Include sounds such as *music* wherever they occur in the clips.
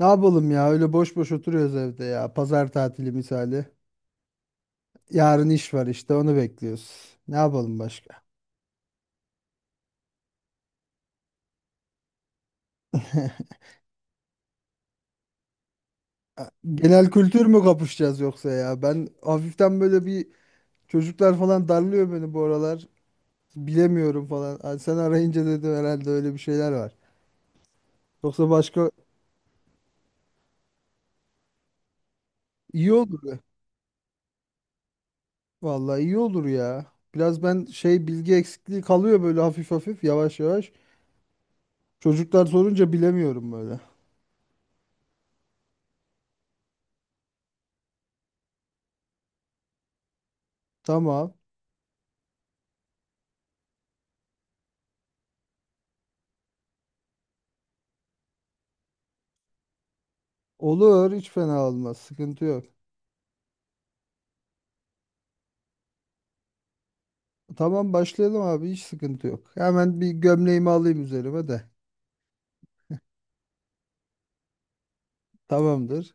Ne yapalım ya, öyle boş boş oturuyoruz evde ya. Pazar tatili misali. Yarın iş var, işte onu bekliyoruz. Ne yapalım başka? A- Genel kültür mü kapışacağız yoksa ya? Ben hafiften böyle bir çocuklar falan darlıyor beni bu aralar. Bilemiyorum falan. Ay, sen arayınca dedim herhalde öyle bir şeyler var. Yoksa başka iyi olur be. Vallahi iyi olur ya. Biraz ben bilgi eksikliği kalıyor böyle hafif hafif, yavaş yavaş. Çocuklar sorunca bilemiyorum böyle. Tamam. Olur, hiç fena olmaz. Sıkıntı yok. Tamam, başlayalım abi, hiç sıkıntı yok. Hemen bir gömleğimi alayım üzerime de. Tamamdır.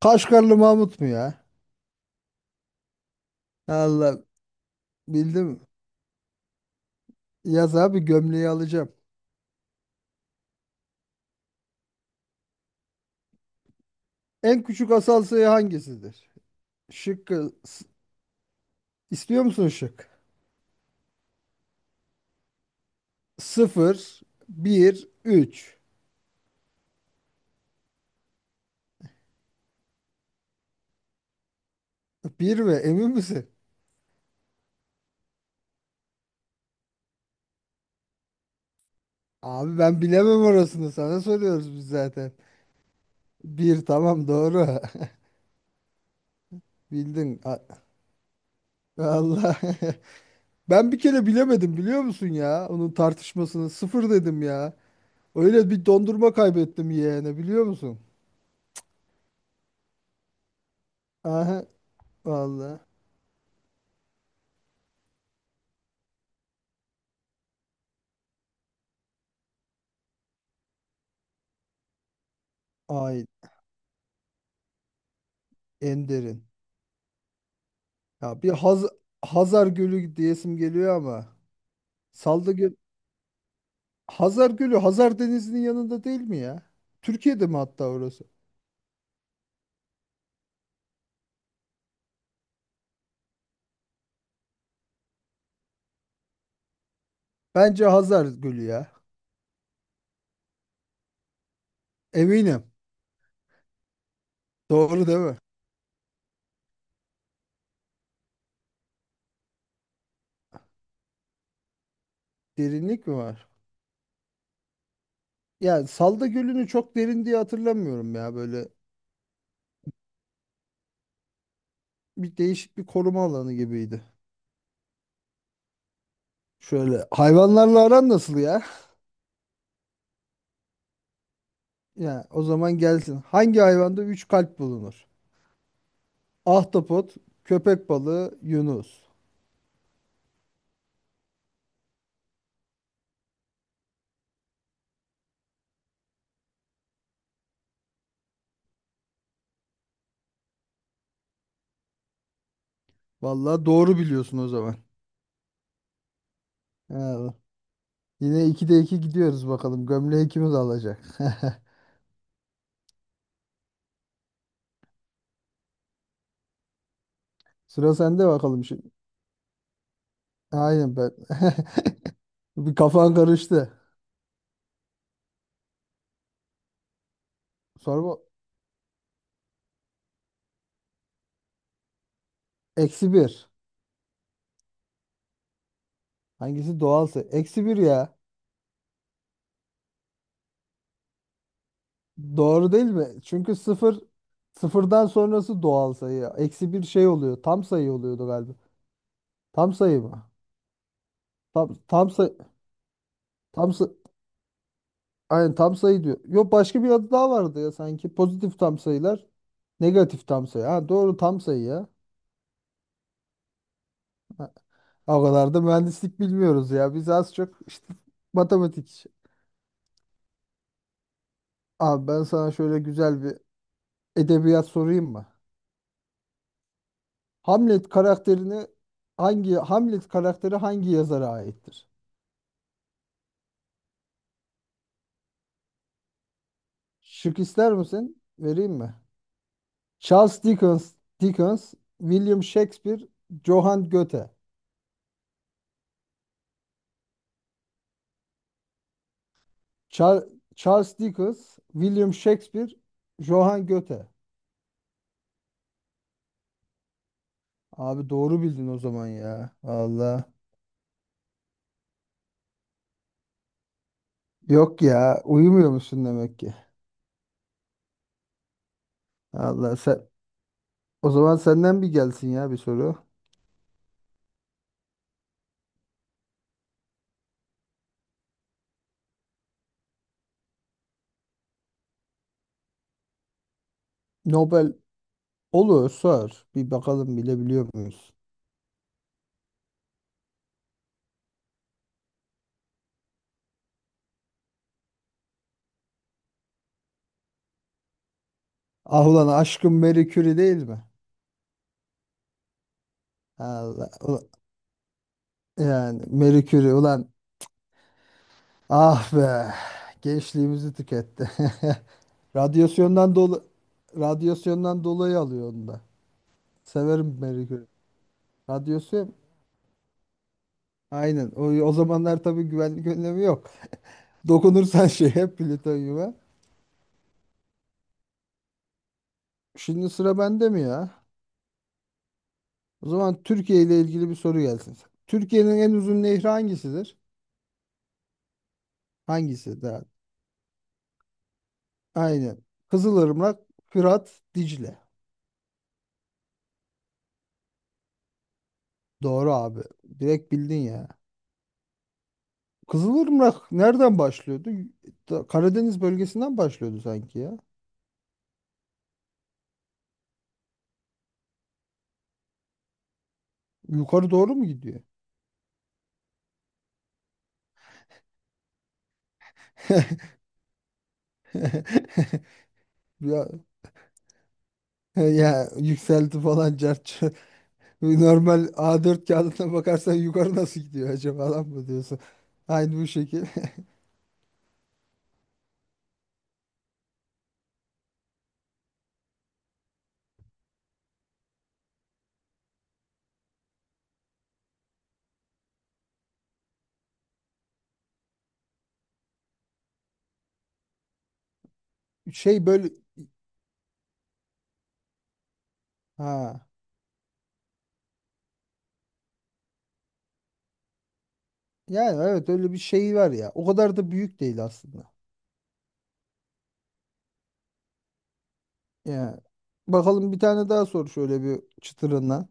Kaşgarlı Mahmut mu ya? Allah, bildim. Yaz abi, gömleği alacağım. En küçük asal sayı hangisidir? Şıkkı s- istiyor musun şık? Sıfır, bir, üç. Bir mi? Emin misin? Abi ben bilemem orasını, sana soruyoruz biz zaten. Bir, tamam, doğru. *laughs* Bildin. Allah. *laughs* Ben bir kere bilemedim, biliyor musun ya? Onun tartışmasını sıfır dedim ya. Öyle bir dondurma kaybettim yeğene, biliyor musun? Aha vallahi. Ay, en derin. Ya bir Haz Hazar Gölü diyesim geliyor ama. Salda Gölü. Hazar Gölü Hazar Denizi'nin yanında değil mi ya? Türkiye'de mi hatta orası? Bence Hazar Gölü ya. Eminim. Doğru değil mi? Derinlik mi var? Yani Salda Gölü'nü çok derin diye hatırlamıyorum ya böyle. Bir değişik bir koruma alanı gibiydi. Şöyle hayvanlarla aran nasıl ya? Ya o zaman gelsin. Hangi hayvanda 3 kalp bulunur? Ahtapot, köpek balığı, yunus. Vallahi doğru biliyorsun o zaman. Ha, yine 2'de 2 gidiyoruz bakalım. Gömleği kimiz alacak? *laughs* Sıra sende bakalım şimdi. Aynen ben. *laughs* Bir kafan karıştı. Sorma. Eksi bir. Hangisi doğalsa? Eksi bir ya. Doğru değil mi? Çünkü sıfırdan sonrası doğal sayı. Eksi bir şey oluyor. Tam sayı oluyordu galiba. Tam sayı mı? Tam sayı. Tam sayı. Aynen tam sayı diyor. Yok başka bir adı daha vardı ya sanki. Pozitif tam sayılar. Negatif tam sayı. Ha, doğru, tam sayı ya. Ha, o kadar da mühendislik bilmiyoruz ya. Biz az çok işte matematik. Abi ben sana şöyle güzel bir edebiyat sorayım mı? Hamlet karakterini Hamlet karakteri hangi yazara aittir? Şık ister misin? Vereyim mi? Charles Dickens, William Shakespeare, Johann Goethe. Char- Charles Dickens, William Shakespeare, Johann Goethe. Abi doğru bildin o zaman ya. Allah. Yok ya, uyumuyor musun demek ki? Allah, sen o zaman senden bir gelsin ya bir soru. Nobel, olur sor. Bir bakalım bilebiliyor muyuz? Ah ulan aşkım, Marie Curie değil mi? Allah ula- yani Marie Curie ulan, ah be, gençliğimizi tüketti. *laughs* Radyasyondan dolu radyasyondan dolayı alıyor onu da. Severim Marie Curie'yi. Radyosu aynen. O zamanlar tabii güvenlik önlemi yok. Dokunursan şey hep plütonyuma. Şimdi sıra bende mi ya? O zaman Türkiye ile ilgili bir soru gelsin. Türkiye'nin en uzun nehri hangisidir? Hangisi daha? Aynen. Kızılırmak, Fırat, Dicle. Doğru abi. Direkt bildin ya. Kızılırmak nereden başlıyordu? Karadeniz bölgesinden başlıyordu sanki ya. Yukarı doğru mu gidiyor? *laughs* Ya, ya yükselti falan cart. Normal A4 kağıdına bakarsan yukarı nasıl gidiyor acaba lan mı diyorsun. Aynı bu şekil. *laughs* Şey böyle, ha. Yani evet öyle bir şey var ya. O kadar da büyük değil aslında. Yani bakalım, bir tane daha sor şöyle bir çıtırından.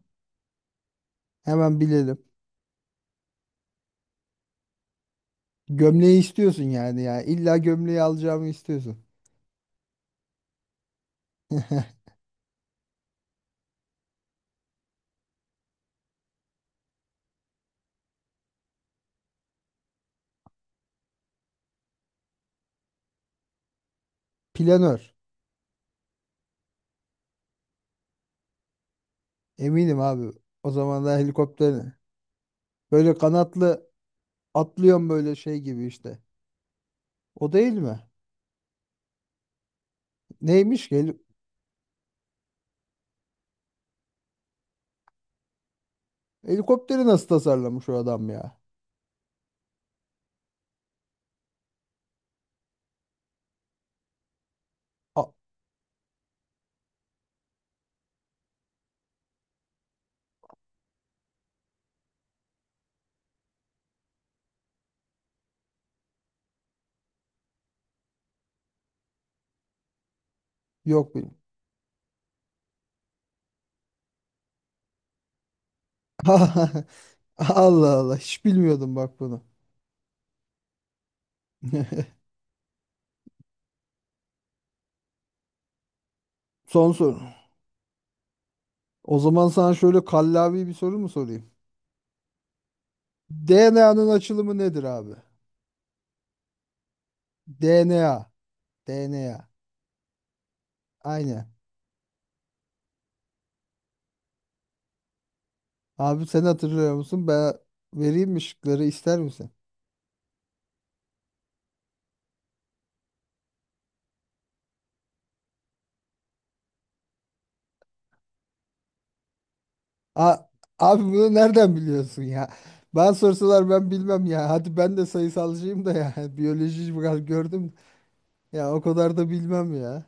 Hemen bilelim. Gömleği istiyorsun yani ya. İlla gömleği alacağımı istiyorsun. *laughs* Planör. Eminim abi. O zaman da helikopterin. Böyle kanatlı atlıyorsun böyle şey gibi işte. O değil mi? Neymiş ki? Helikopteri nasıl tasarlamış o adam ya? A- yok benim. *laughs* Allah Allah, hiç bilmiyordum bak bunu. *laughs* Son soru. O zaman sana şöyle kallavi bir soru mu sorayım? DNA'nın açılımı nedir abi? DNA. DNA. Aynen. Abi sen hatırlıyor musun? Ben vereyim mi şıkları, ister misin? A, abi bunu nereden biliyorsun ya? Ben sorsalar ben bilmem ya. Hadi ben de sayısalcıyım da ya. *laughs* Biyoloji biraz gördüm. Ya o kadar da bilmem ya.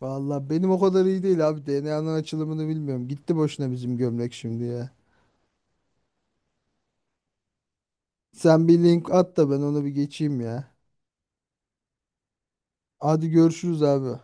Vallahi benim o kadar iyi değil abi. DNA'nın açılımını bilmiyorum. Gitti boşuna bizim gömlek şimdi ya. Sen bir link at da ben onu bir geçeyim ya. Hadi görüşürüz abi.